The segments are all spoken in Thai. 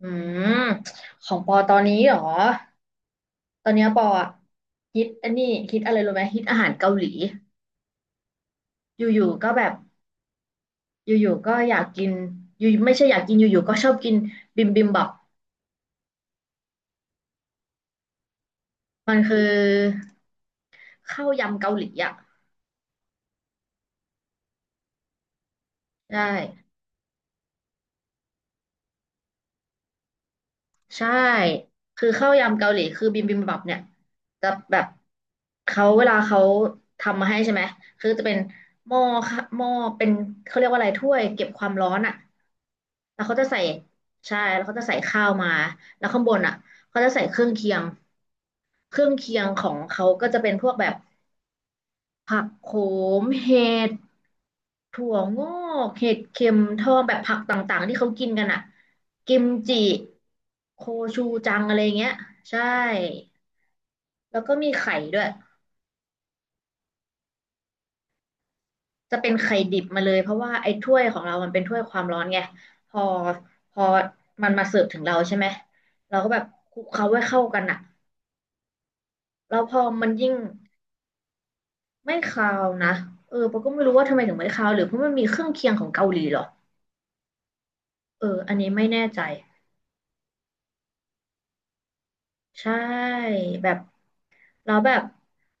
อืมของปอตอนนี้เหรอ ตอนเนี้ยปออะคิดอันนี้คิดอะไรรู้ไหมคิดอาหารเกาหลีอยู่ๆก็แบบอยู่ๆก็อยากกินอยู่ไม่ใช่อยากกินอยู่ๆก็ชอบกินบิมบิมบับมันคือข้าวยำเกาหลีอ่ะใช่ ใช่คือข้าวยำเกาหลีคือบิมบิมบับเนี่ยจะแบบเขาเวลาเขาทำมาให้ใช่ไหมคือจะเป็นหม้อค่ะหม้อเป็นเขาเรียกว่าอะไรถ้วยเก็บความร้อนอ่ะแล้วเขาจะใส่ใช่แล้วเขาจะใส่ข้าวมาแล้วข้างบนอ่ะเขาจะใส่เครื่องเคียง เครื่องเคียงของเขาก็จะเป็นพวกแบบ ผักโขมเห็ดถั่วงอกเห็ดเข็มทองแบบผักต่างๆที่เขากินกันอ่ะกิมจิโคชูจังอะไรเงี้ยใช่แล้วก็มีไข่ด้วยจะเป็นไข่ดิบมาเลยเพราะว่าไอ้ถ้วยของเรามันเป็นถ้วยความร้อนไงพอพอมันมาเสิร์ฟถึงเราใช่ไหมเราก็แบบคลุกเคล้าให้เข้ากันอ่ะแล้วพอมันยิ่งไม่คาวนะเออปาก็ไม่รู้ว่าทำไมถึงไม่คาวหรือเพราะมันมีเครื่องเคียงของเกาหลีเหรอเอออันนี้ไม่แน่ใจ ใช่แบบเราแบบ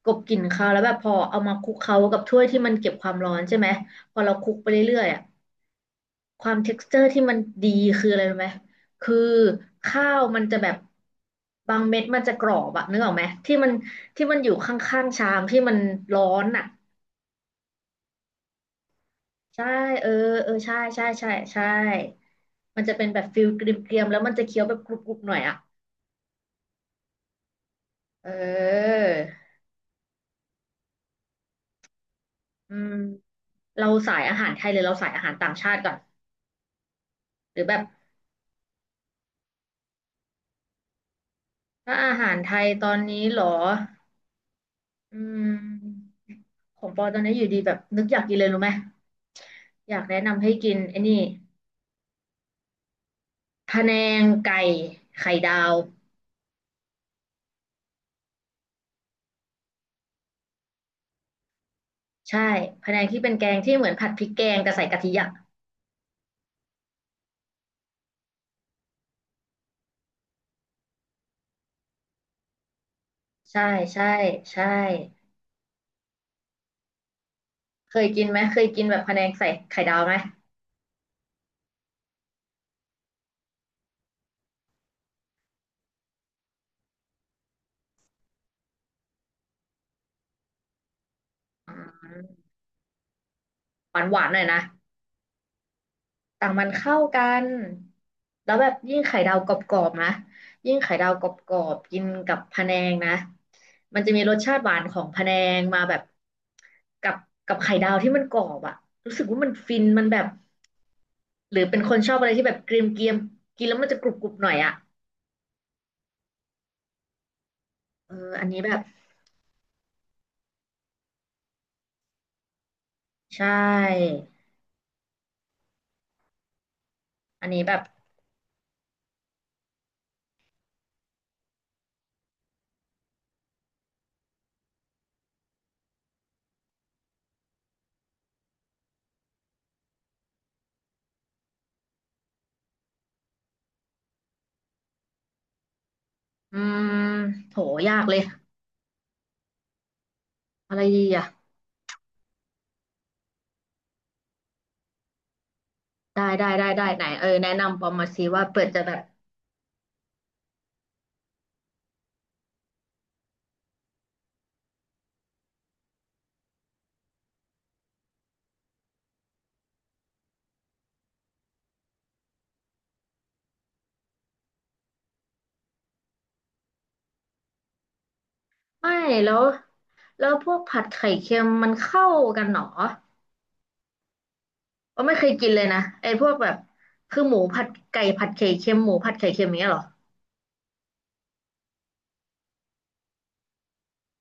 กลบกลิ่นคาวแล้วแบบพอเอามาคลุกเคล้ากับถ้วยที่มันเก็บความร้อนใช่ไหมพอเราคลุกไปเรื่อยๆอ่ะความเท็กซ์เจอร์ที่มันดีคืออะไรรู้ไหมคือข้าวมันจะแบบบางเม็ดมันจะกรอบอะนึกออกไหมที่มันอยู่ข้างๆชามที่มันร้อนอ่ะใช่เออเออใช่ใช่ใช่ใช่มันจะเป็นแบบฟิลเกรียมๆแล้วมันจะเคี้ยวแบบกรุบๆหน่อยอ่ะเออ อืมเราสายอาหารไทยหรือเราสายอาหารต่างชาติก่อนหรือแบบถ้าอาหารไทยตอนนี้เหรออืมของปอตอนนี้อยู่ดีแบบนึกอยากกินเลยรู้ไหมอยากแนะนำให้กินไอ้นี่พะแนงไก่ไข่ดาวใช่พะแนงที่เป็นแกงที่เหมือนผัดพริกแกงแต่ใส่กะทิอ่ะใช่ใช่ใช่เคยกินไหมเคยกินแบบพะแนงใส่ไข่ดาวไหมอืมหวานหวานๆหน่อยนะ แต่มันเข้ากัน แล้วแบบยิ่งไข่ดาวกรอบๆนะยิ่งไข่ดาวกรอบๆกินกับพะแนงนะ มันจะมีรสชาติหวานของพะแนงมาแบบกับกับไข่ดาวที่มันกรอบอะรู้สึกว่ามันฟินมันแบบหรือเป็นคนชอบอะไรที่แบบเกรียมเกียมกินแล้วมันจะกรุบกรุบหน่อยอะเอออันนี้แบบใช่ อันนี้แบบอืมโหยากเลยอะไรดีอะได้ได้ได้ได้ไหนเออแนะนำปอมมาซิว่าเปิดจะแบบ ไม่แล้วพวกผัดไข่เค็มมันเข้ากันหรอว่าไม่เคยกินเลยนะไอ้พวกแบบคือหมูผัดไก่ผัดไข่เค็มหมูผัดไข่เค็มอย่างเนี้ยหรอ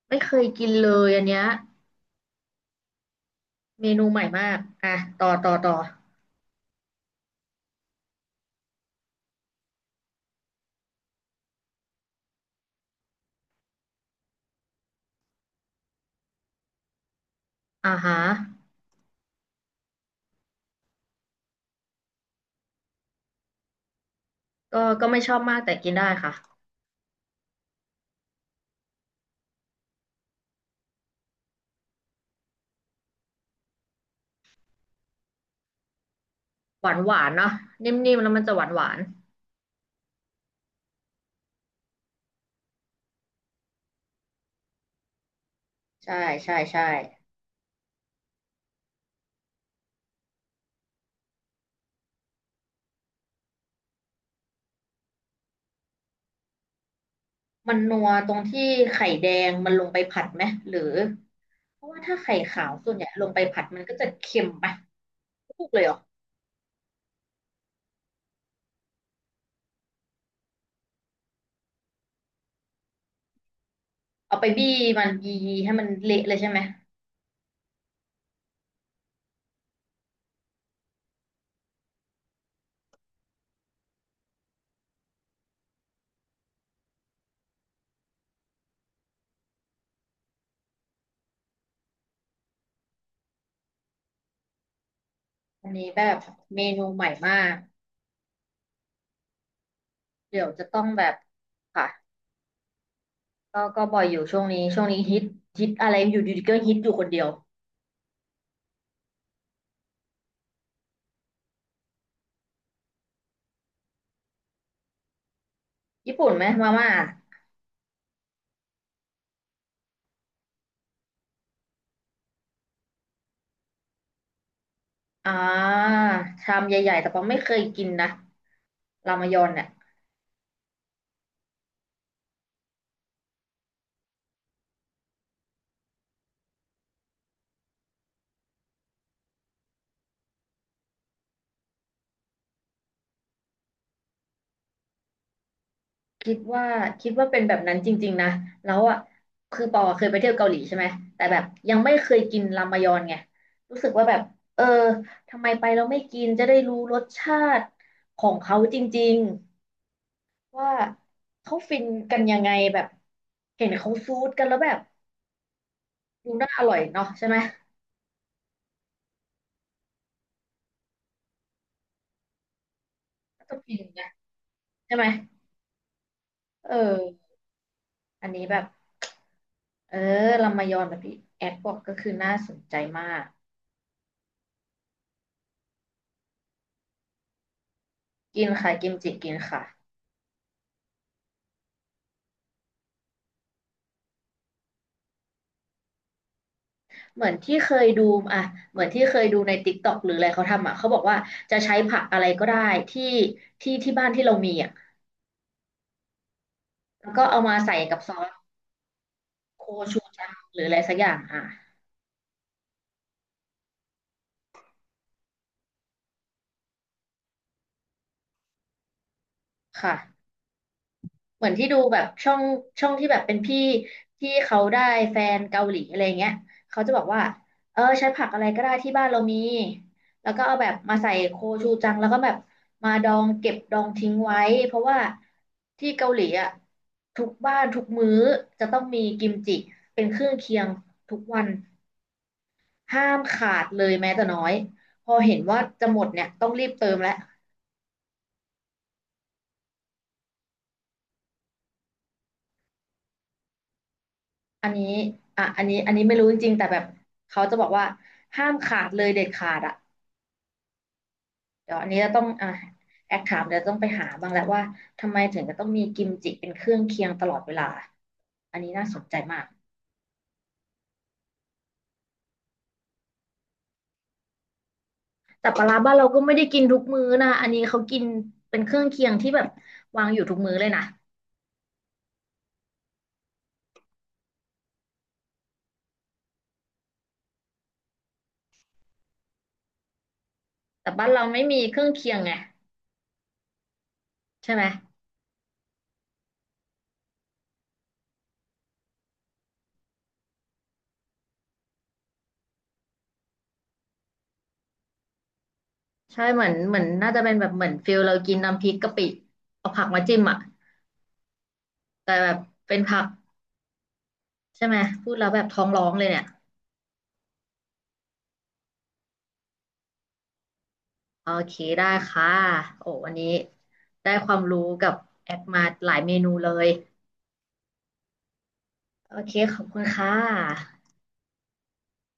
ไม่เคยกินเลยอันเนี้ยเมนูใหม่มากอ่ะต่อต่อต่ออ่าฮะก็ก็ไม่ชอบมากแต่กินได้ค่ะหวานหวานเนาะนิ่มๆแล้วมันจะหวานหวานใช่ใช่ใช่มันนัวตรงที่ไข่แดงมันลงไปผัดไหมหรือเพราะว่าถ้าไข่ขาวส่วนใหญ่ลงไปผัดมันก็จะเค็มไปทุกเลยเหรอ เอาไปบี้มันยีให้มันเละเลยใช่ไหม อันนี้แบบเมนูใหม่มาก เดี๋ยวจะต้องแบบค่ะ ก็ก็บ่อยอยู่ช่วงนี้ช่วงนี้ฮิตฮิตอะไรอยู่ดีๆก็ฮิตอยู่คนเดียวญี่ปุ่นไหมมาม่าอ่าชามใหญ่ๆแต่ปองไม่เคยกินนะรามยอนเนี่ย คิดว่าคิดว่าเป็นแบบนั้นจริงๆนะแล้วอ่ะคือปอเคยไปเที่ยวเกาหลีใช่ไหมแต่แบบยังไม่เคยกินรามยอนไงรู้สึกว่าแบบเออทำไมไปเราไม่กินจะได้รู้รสชาติของเขาจริงๆว่าเขาฟินกันยังไงแบบเห็นเขาซูดกันแล้วแบบดูน่าอร่อยเนาะใช่ไหมก็ต้องกินนะใช่ไหมเอออันนี้แบบเออรามยอนแบบที่แอดบอกก็คือน่าสนใจมากกินค่ะกิมจิกินค่ะ เหมือนที่เคยดูอ่ะเหมือนที่เคยดูใน TikTok หรืออะไรเขาทำอ่ะเขาบอกว่าจะใช้ผักอะไรก็ได้ที่ที่บ้านที่เรามีอ่ะแล้วก็เอามาใส่กับซอสโคชูจังหรืออะไรสักอย่างอ่ะค่ะ เหมือนที่ดูแบบช่องที่แบบเป็นพี่ที่เขาได้แฟนเกาหลีอะไรเงี้ยเขาจะบอกว่าเออใช้ผักอะไรก็ได้ที่บ้านเรามีแล้วก็เอาแบบมาใส่โคชูจังแล้วก็แบบมาดองเก็บดองทิ้งไว้เพราะว่าที่เกาหลีอ่ะทุกบ้านทุกมื้อจะต้องมีกิมจิเป็นเครื่องเคียงทุกวันห้ามขาดเลยแม้แต่น้อยพอเห็นว่าจะหมดเนี่ยต้องรีบเติมแล้ว อันนี้อ่ะอันนี้ไม่รู้จริงๆแต่แบบเขาจะบอกว่าห้ามขาดเลยเด็ดขาดอ่ะเดี๋ยวอันนี้จะต้องอ่ะแอคถามเดี๋ยวต้องไปหาบ้างแหละว่าทำไมถึงจะต้องมีกิมจิเป็นเครื่องเคียงตลอดเวลา อันนี้น่าสนใจมาก แต่ปลาร้าบ้านเราก็ไม่ได้กินทุกมื้อนะอันนี้เขากินเป็นเครื่องเคียงที่แบบวางอยู่ทุกมื้อเลยนะแต่บ้านเราไม่มีเครื่องเคียงไงใช่ไหมใช่เหมือนน่าจะเป็นแบบเหมือนฟิลเรากินน้ำพริกกะปิเอาผักมาจิ้มอ่ะแต่แบบเป็นผักใช่ไหมพูดแล้วแบบท้องร้องเลยเนี่ย โอเคได้ค่ะโอ้วันนี้ได้ความรู้กับแอปมาหลายเมนูเลย โอเคขอบคุณค่ะ